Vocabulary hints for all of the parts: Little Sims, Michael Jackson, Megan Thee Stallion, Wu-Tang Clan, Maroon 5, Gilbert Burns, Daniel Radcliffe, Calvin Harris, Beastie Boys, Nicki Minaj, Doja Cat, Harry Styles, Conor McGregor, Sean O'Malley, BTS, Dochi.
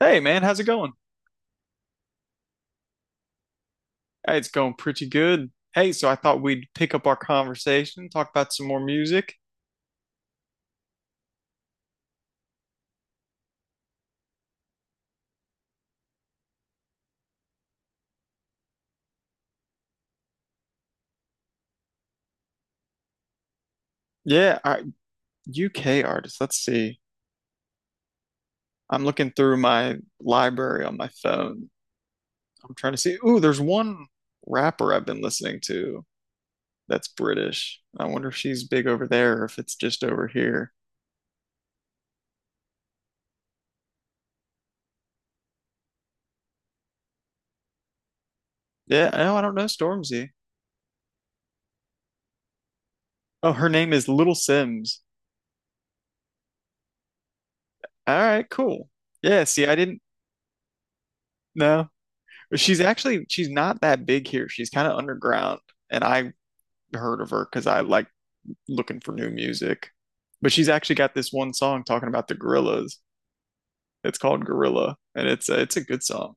Hey man, how's it going? Hey, it's going pretty good. Hey, so I thought we'd pick up our conversation, talk about some more music. Yeah, I, UK artists. Let's see. I'm looking through my library on my phone. I'm trying to see. Ooh, there's one rapper I've been listening to that's British. I wonder if she's big over there or if it's just over here. Yeah, no, I don't know Stormzy. Oh, her name is Little Sims. All right, cool. Yeah, see, I didn't know. She's not that big here. She's kind of underground, and I heard of her because I like looking for new music. But she's actually got this one song talking about the gorillas. It's called Gorilla, and it's a good song.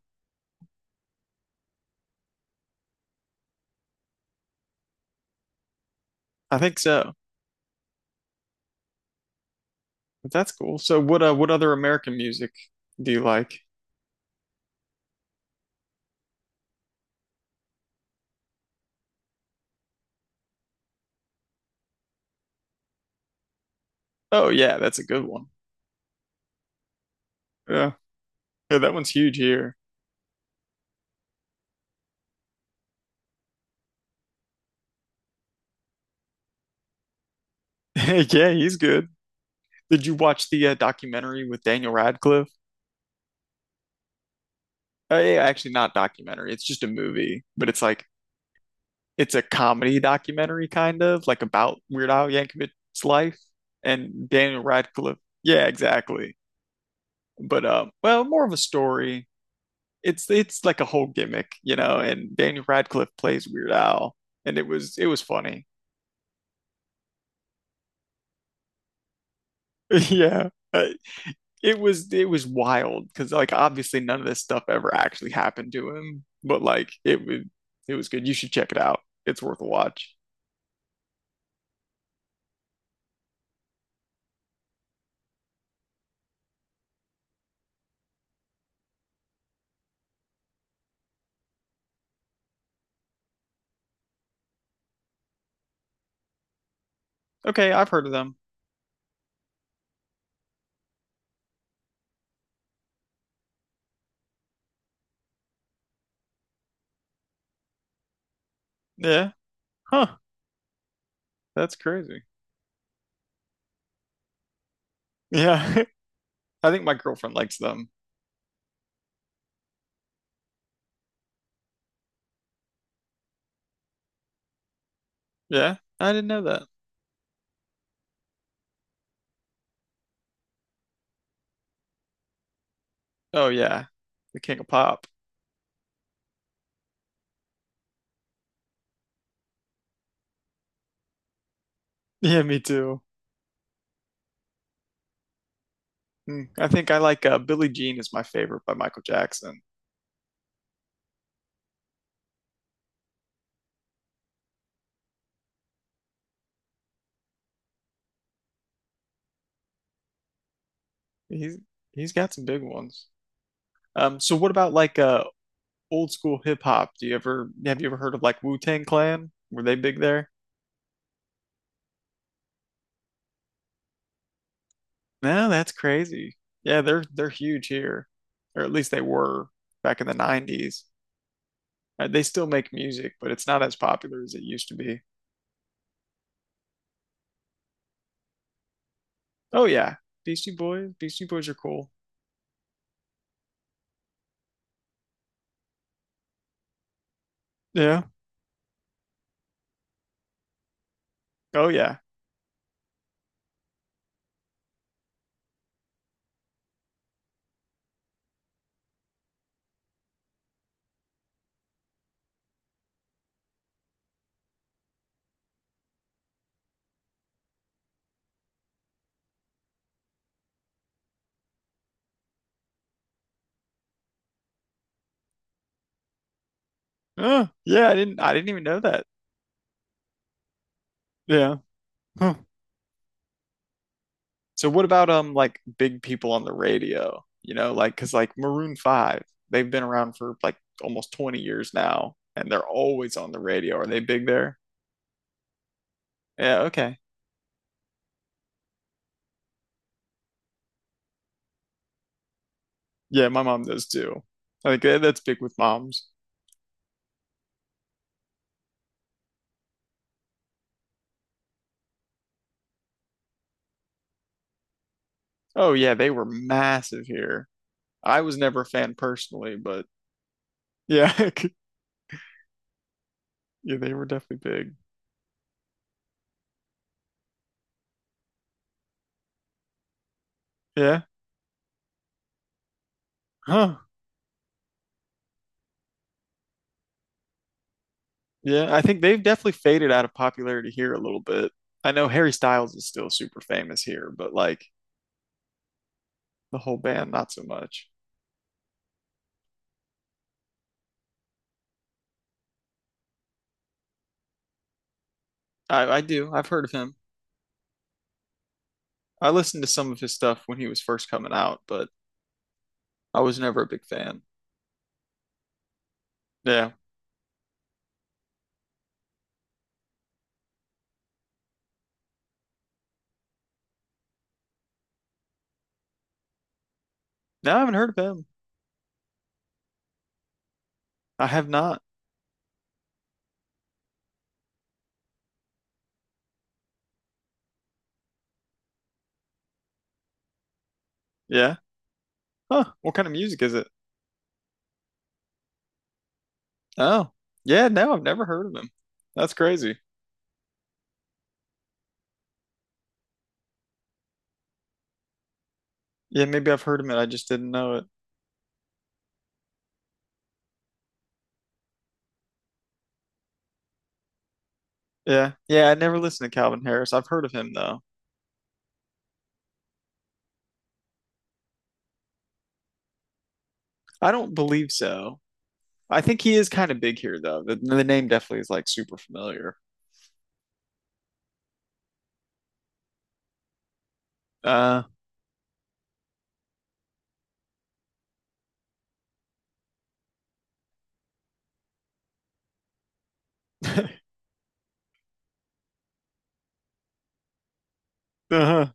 I think so. But that's cool. So what other American music do you like? Oh yeah, that's a good one. Yeah, yeah, that one's huge here. Yeah, he's good. Did you watch the documentary with Daniel Radcliffe? Yeah, actually, not documentary. It's just a movie, but it's a comedy documentary kind of like about Weird Al Yankovic's life and Daniel Radcliffe. Yeah, exactly. But well, more of a story. It's like a whole gimmick, you know. And Daniel Radcliffe plays Weird Al, and it was funny. Yeah, it was wild because like obviously none of this stuff ever actually happened to him, but like it was good. You should check it out. It's worth a watch. Okay, I've heard of them. Yeah, huh? That's crazy. Yeah. I think my girlfriend likes them. Yeah, I didn't know that. Oh yeah, the King of Pop. Yeah, me too. Hmm. I think I like Billie Jean is my favorite by Michael Jackson. He's he's got some big ones. So what about like old school hip hop? Do you ever have you ever heard of like Wu-Tang Clan? Were they big there? No, that's crazy. Yeah, they're huge here, or at least they were back in the 90s. They still make music, but it's not as popular as it used to be. Oh yeah, Beastie Boys, Beastie Boys are cool. Yeah. Oh yeah. Oh, yeah, I didn't even know that. Yeah. Huh. So what about like big people on the radio? You know, like 'cause like Maroon 5, they've been around for like almost 20 years now and they're always on the radio. Are they big there? Yeah, okay. Yeah, my mom does too. I think that's big with moms. Oh yeah, they were massive here. I was never a fan personally, but yeah, yeah, they were definitely big. Yeah. Huh. Yeah, I think they've definitely faded out of popularity here a little bit. I know Harry Styles is still super famous here, but like the whole band, not so much. I do. I've heard of him. I listened to some of his stuff when he was first coming out, but I was never a big fan. Yeah. No, I haven't heard of him. I have not. Yeah. Huh. What kind of music is it? Oh, yeah. No, I've never heard of him. That's crazy. Yeah, maybe I've heard of it. I just didn't know it. Yeah. Yeah, I never listened to Calvin Harris. I've heard of him though. I don't believe so. I think he is kind of big here, though. The name definitely is like super familiar. Uh, uh-huh.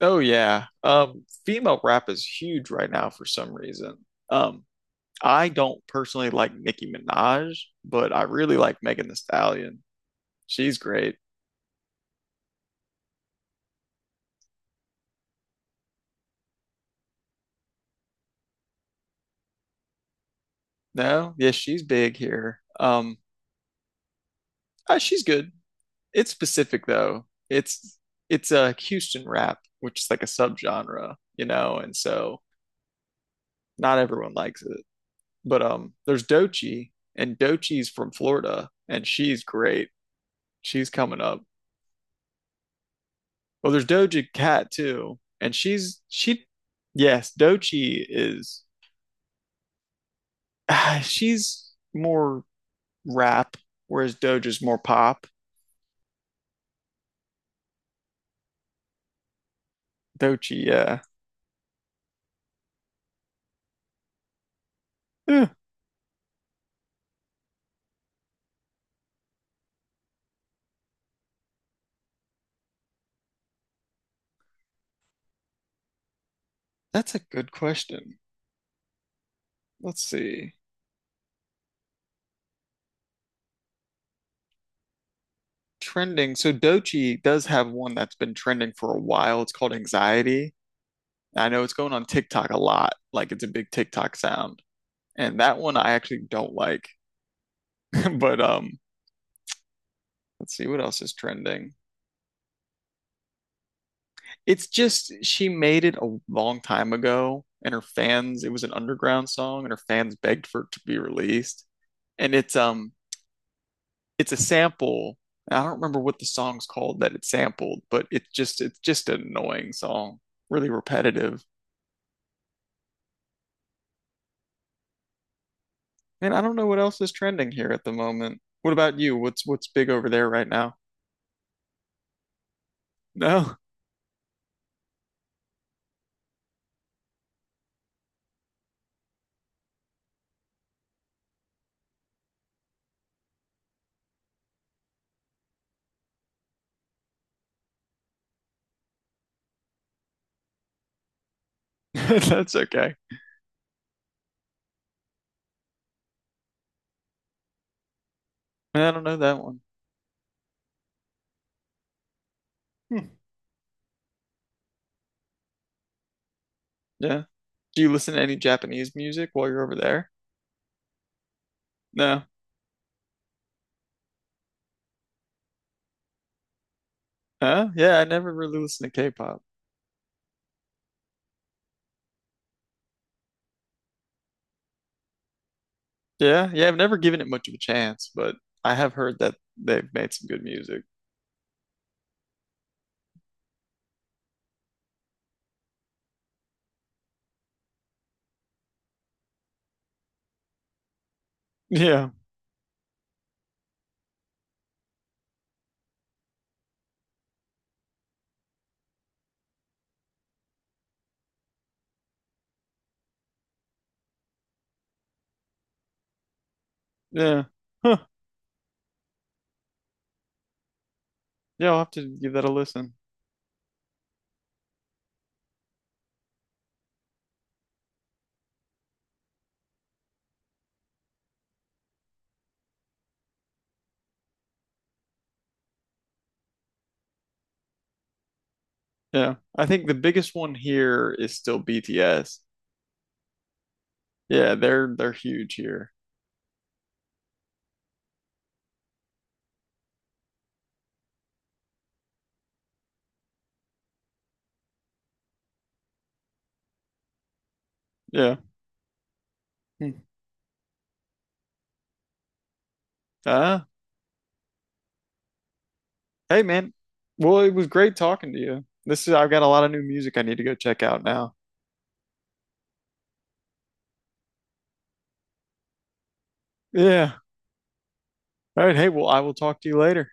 Oh yeah. Female rap is huge right now for some reason. Um, I don't personally like Nicki Minaj, but I really like Megan Thee Stallion. She's great. No, yes, she's big here. She's good. It's specific though. It's a Houston rap, which is like a subgenre, you know, and so not everyone likes it. But there's Dochi, and Dochi's from Florida, and she's great. She's coming up. Well, there's Doja Cat too, and yes, Dochi is she's more rap, whereas Doja's more pop. Dochi, yeah. Eh, that's a good question. Let's see. Trending. So Dochi does have one that's been trending for a while. It's called Anxiety. I know it's going on TikTok a lot. Like it's a big TikTok sound. And that one I actually don't like. But let's see what else is trending. It's just she made it a long time ago, and her fans. It was an underground song, and her fans begged for it to be released. And it's It's a sample. I don't remember what the song's called that it sampled, but it's just an annoying song, really repetitive. And I don't know what else is trending here at the moment. What about you? What's big over there right now? No, that's okay. I don't know that one. Hmm. Yeah. Do you listen to any Japanese music while you're over there? No. Huh? Yeah, I never really listened to K-pop. Yeah, yeah, I've never given it much of a chance, but I have heard that they've made some good music. Yeah, yeah. Huh. Yeah, I'll have to give that a listen. Yeah. I think the biggest one here is still BTS. Yeah, they're huge here. Yeah. Hmm. Uh, Hey man. Well, it was great talking to you. This is I've got a lot of new music I need to go check out now. Yeah. All right, hey, well, I will talk to you later.